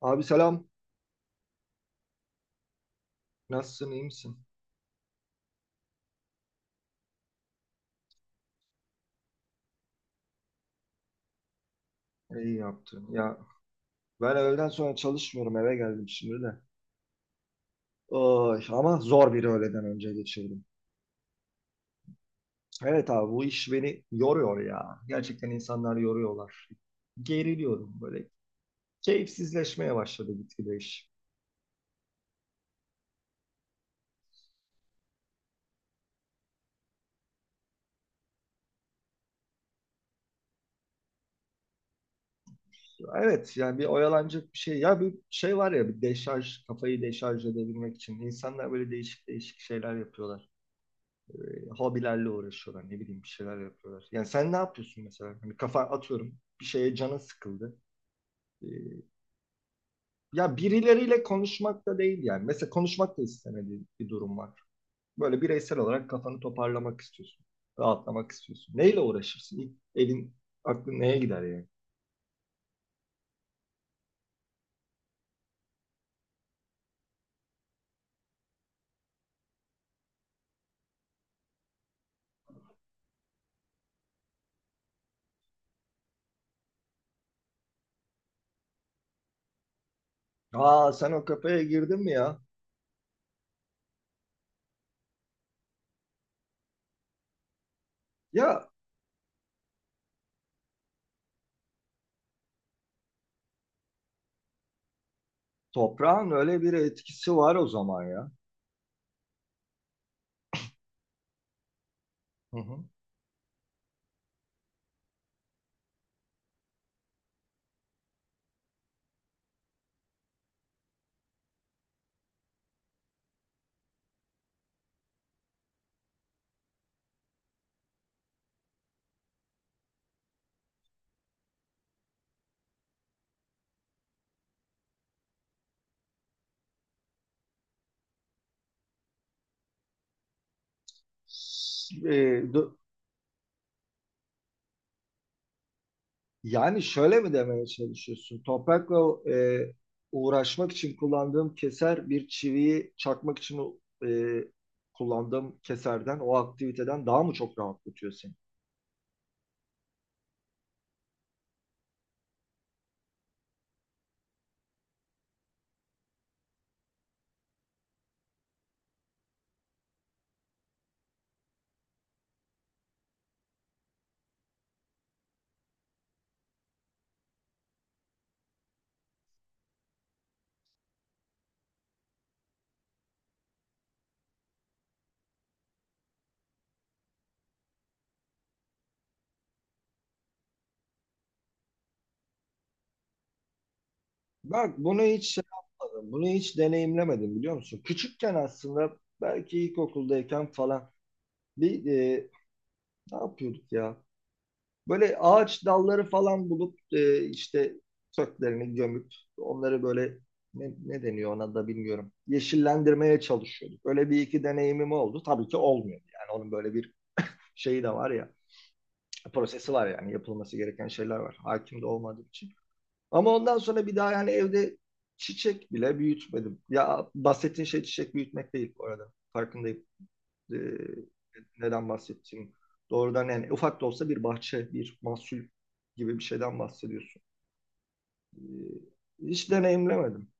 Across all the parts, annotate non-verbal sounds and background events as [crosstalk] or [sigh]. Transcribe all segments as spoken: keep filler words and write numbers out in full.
Abi selam. Nasılsın, iyi misin? İyi yaptın. Ya ben öğleden sonra çalışmıyorum, eve geldim şimdi de. Oy, ama zor bir öğleden önce geçirdim. Evet abi, bu iş beni yoruyor ya. Gerçekten insanlar yoruyorlar. Geriliyorum böyle. Keyifsizleşmeye başladı gitgide iş. Evet, yani bir oyalanacak bir şey. Ya bir şey var ya bir deşarj, kafayı deşarj edebilmek için. İnsanlar böyle değişik değişik şeyler yapıyorlar. e, hobilerle uğraşıyorlar. Ne bileyim bir şeyler yapıyorlar. Yani sen ne yapıyorsun mesela? Hani kafa atıyorum bir şeye, canın sıkıldı. E, ya birileriyle konuşmak da değil yani. Mesela konuşmak da istemediğin bir durum var. Böyle bireysel olarak kafanı toparlamak istiyorsun. Rahatlamak istiyorsun. Neyle uğraşırsın? İlk elin aklın neye gider yani? Aa, sen o kafaya girdin mi ya? Ya, toprağın öyle bir etkisi var o zaman ya. Hı hı. E, d- Yani şöyle mi demeye çalışıyorsun? Toprakla e, uğraşmak için kullandığım keser bir çiviyi çakmak için e, kullandığım keserden, o aktiviteden daha mı çok rahatlatıyor seni? Bak, bunu hiç şey yapmadım, bunu hiç deneyimlemedim biliyor musun? Küçükken aslında belki ilkokuldayken falan bir e, ne yapıyorduk ya? Böyle ağaç dalları falan bulup e, işte köklerini gömüp onları böyle ne, ne deniyor ona da bilmiyorum. Yeşillendirmeye çalışıyorduk. Öyle bir iki deneyimim oldu. Tabii ki olmuyor. Yani onun böyle bir şeyi de var ya. Prosesi var, yani yapılması gereken şeyler var. Hakim de olmadığım için. Ama ondan sonra bir daha yani evde çiçek bile büyütmedim. Ya, bahsettiğin şey çiçek büyütmek değil bu arada. Farkındayım e, neden bahsettiğim, doğrudan yani ufak da olsa bir bahçe, bir mahsul gibi bir şeyden bahsediyorsun. E, hiç deneyimlemedim.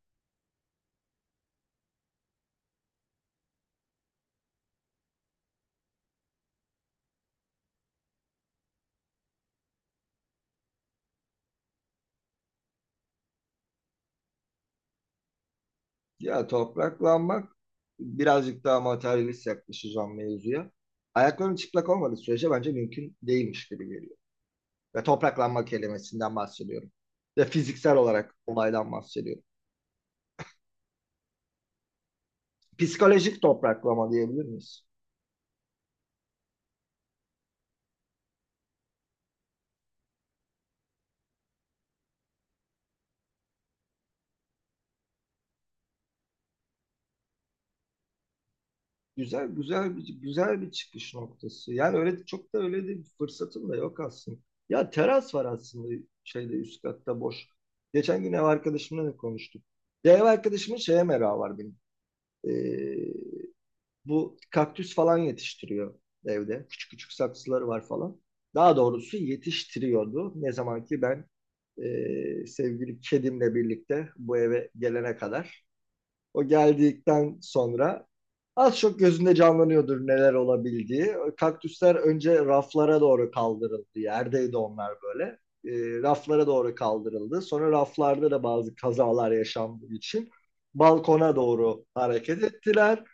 Ya topraklanmak, birazcık daha materyalist yaklaşacağım mevzuya. Ayakların çıplak olmadığı sürece bence mümkün değilmiş gibi geliyor. Ve topraklanma kelimesinden bahsediyorum. Ve fiziksel olarak olaydan bahsediyorum. Psikolojik topraklama diyebilir miyiz? Güzel güzel bir güzel bir çıkış noktası. Yani öyle çok da öyle de bir fırsatım da yok aslında. Ya teras var aslında, şeyde üst katta boş. Geçen gün ev arkadaşımla da konuştuk. Ya, ev arkadaşımın şeye merakı var benim. Ee, bu kaktüs falan yetiştiriyor evde. Küçük küçük saksıları var falan. Daha doğrusu yetiştiriyordu. Ne zaman ki ben ee, sevgili kedimle birlikte bu eve gelene kadar. O geldikten sonra az çok gözünde canlanıyordur neler olabildiği. Kaktüsler önce raflara doğru kaldırıldı. Yerdeydi onlar böyle. Ee, raflara doğru kaldırıldı. Sonra raflarda da bazı kazalar yaşandığı için balkona doğru hareket ettiler.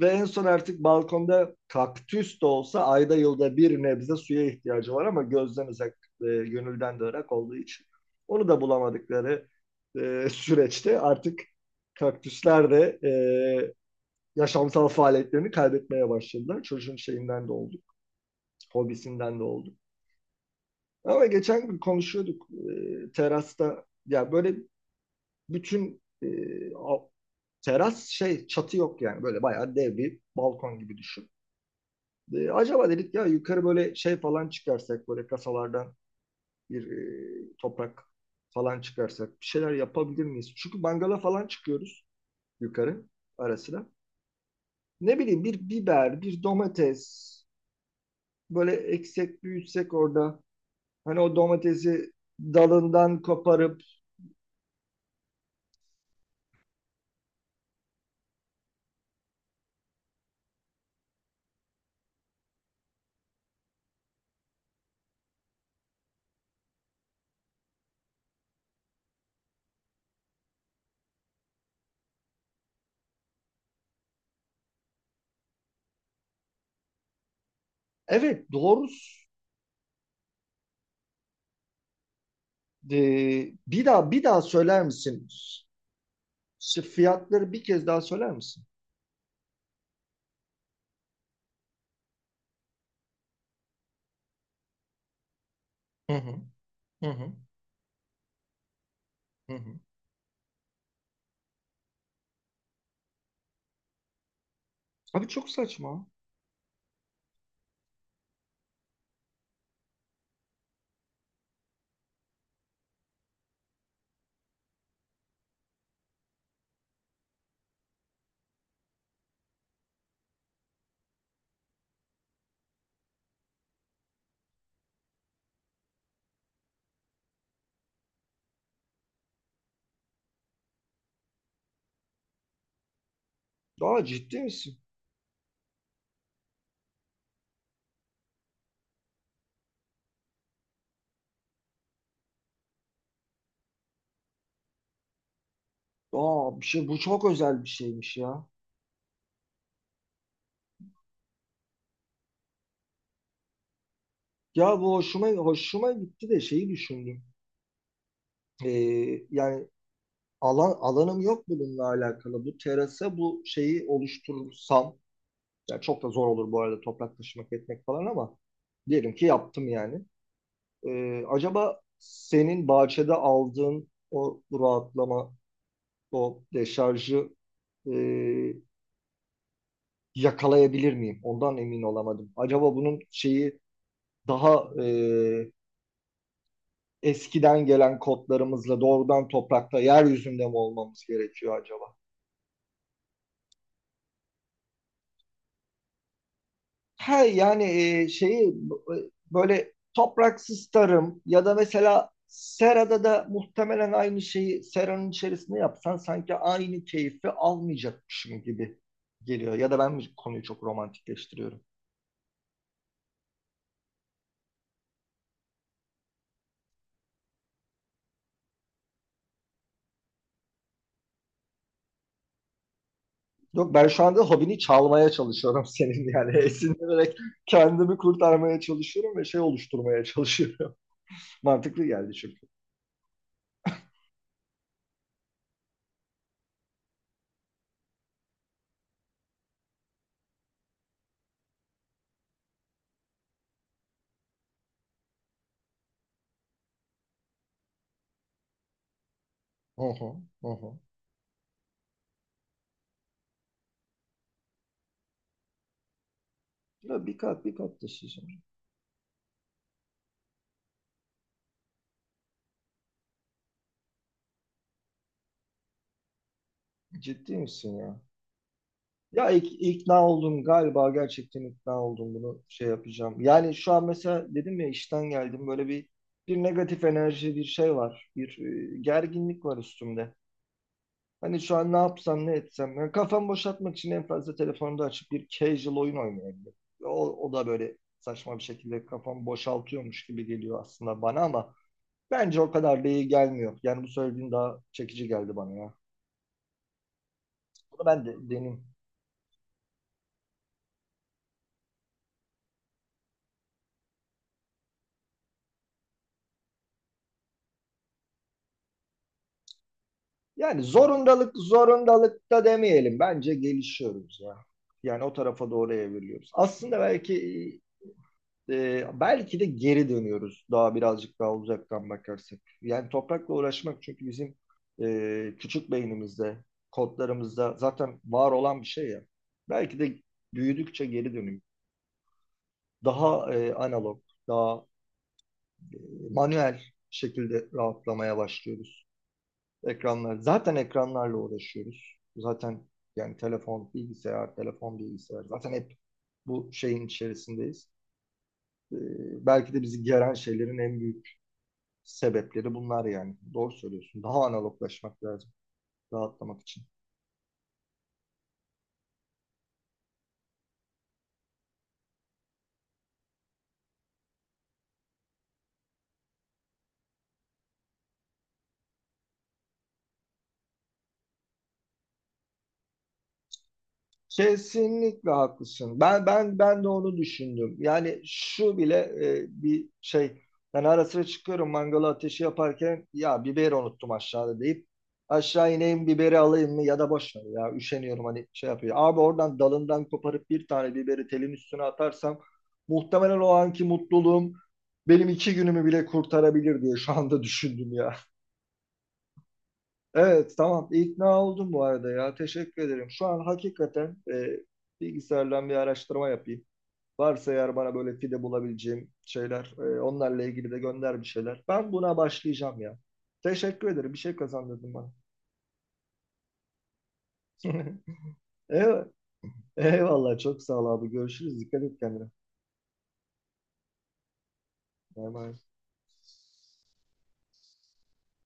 Ve en son artık balkonda kaktüs de olsa ayda yılda bir nebze suya ihtiyacı var, ama gözden uzak, e, gönülden de ırak olduğu için onu da bulamadıkları e, süreçte artık kaktüsler de e, yaşamsal faaliyetlerini kaybetmeye başladılar. Çocuğun şeyinden de oldu, hobisinden de oldu. Ama geçen gün konuşuyorduk e, terasta. Ya böyle bütün e, a- teras şey, çatı yok, yani böyle bayağı dev bir balkon gibi düşün. E, acaba dedik, ya yukarı böyle şey falan çıkarsak, böyle kasalardan bir e, toprak falan çıkarsak bir şeyler yapabilir miyiz? Çünkü mangala falan çıkıyoruz yukarı arasına. Ne bileyim, bir biber, bir domates böyle eksek büyütsek orada. Hani o domatesi dalından koparıp. Evet, doğrusu. Ee, bir daha bir daha söyler misin? Şu fiyatları bir kez daha söyler misin? Hı hı, hı hı, hı hı. Abi, çok saçma. Daha ciddi misin? Aa, bir şey, bu çok özel bir şeymiş ya. Ya, bu hoşuma hoşuma gitti de şeyi düşündüm. Ee, yani alan alanım yok bununla alakalı. Bu terasa bu şeyi oluşturursam, yani çok da zor olur bu arada toprak taşımak etmek falan, ama diyelim ki yaptım yani. Ee, acaba senin bahçede aldığın o rahatlama, o deşarjı e, yakalayabilir miyim? Ondan emin olamadım. Acaba bunun şeyi daha e, eskiden gelen kodlarımızla doğrudan toprakta, yeryüzünde mi olmamız gerekiyor acaba? He yani, e, şeyi b- böyle topraksız tarım, ya da mesela serada da muhtemelen aynı şeyi seranın içerisinde yapsan sanki aynı keyfi almayacakmışım gibi geliyor. Ya da ben mi konuyu çok romantikleştiriyorum? Yok, ben şu anda hobini çalmaya çalışıyorum senin yani [laughs] esinlenerek kendimi kurtarmaya çalışıyorum ve şey oluşturmaya çalışıyorum. [laughs] Mantıklı geldi çünkü. Hı hı, hı hı. Ya bir kat bir kat taşıyacağım. Ciddi misin ya? Ya ik- ikna oldum galiba, gerçekten ikna oldum, bunu şey yapacağım. Yani şu an mesela dedim ya, işten geldim, böyle bir bir negatif enerji bir şey var. Bir e, gerginlik var üstümde. Hani şu an ne yapsam ne etsem. Yani kafamı boşaltmak için en fazla telefonda açıp bir casual oyun oynayabilirim. O, o da böyle saçma bir şekilde kafamı boşaltıyormuş gibi geliyor aslında bana, ama bence o kadar da iyi gelmiyor. Yani bu söylediğin daha çekici geldi bana ya. Bunu ben de deneyim. Yani zorundalık, zorundalıkta demeyelim. Bence gelişiyoruz ya. Yani o tarafa doğru evriliyoruz. Aslında belki e, belki de geri dönüyoruz, daha birazcık daha uzaktan bakarsak. Yani toprakla uğraşmak çünkü bizim e, küçük beynimizde, kodlarımızda zaten var olan bir şey ya. Belki de büyüdükçe geri dönüyor. Daha e, analog, daha e, manuel şekilde rahatlamaya başlıyoruz. Ekranlar. Zaten ekranlarla uğraşıyoruz. Zaten yani telefon, bilgisayar, telefon, bilgisayar. Zaten hep bu şeyin içerisindeyiz. Ee, belki de bizi geren şeylerin en büyük sebepleri bunlar yani. Doğru söylüyorsun. Daha analoglaşmak lazım rahatlamak için. Kesinlikle haklısın. Ben ben ben de onu düşündüm. Yani şu bile e, bir şey. Ben ara sıra çıkıyorum mangalı ateşi yaparken, ya biberi unuttum aşağıda deyip aşağı ineyim biberi alayım mı, ya da boş ver ya üşeniyorum, hani şey yapıyor. Abi oradan dalından koparıp bir tane biberi telin üstüne atarsam muhtemelen o anki mutluluğum benim iki günümü bile kurtarabilir diye şu anda düşündüm ya. Evet tamam, ikna oldum bu arada, ya teşekkür ederim. Şu an hakikaten e, bilgisayardan bir araştırma yapayım. Varsa eğer bana böyle fide bulabileceğim şeyler, e, onlarla ilgili de gönder bir şeyler. Ben buna başlayacağım ya. Teşekkür ederim, bir şey kazandırdın bana. [laughs] Evet. Eyvallah, çok sağ ol abi, görüşürüz, dikkat et kendine. Bay bay.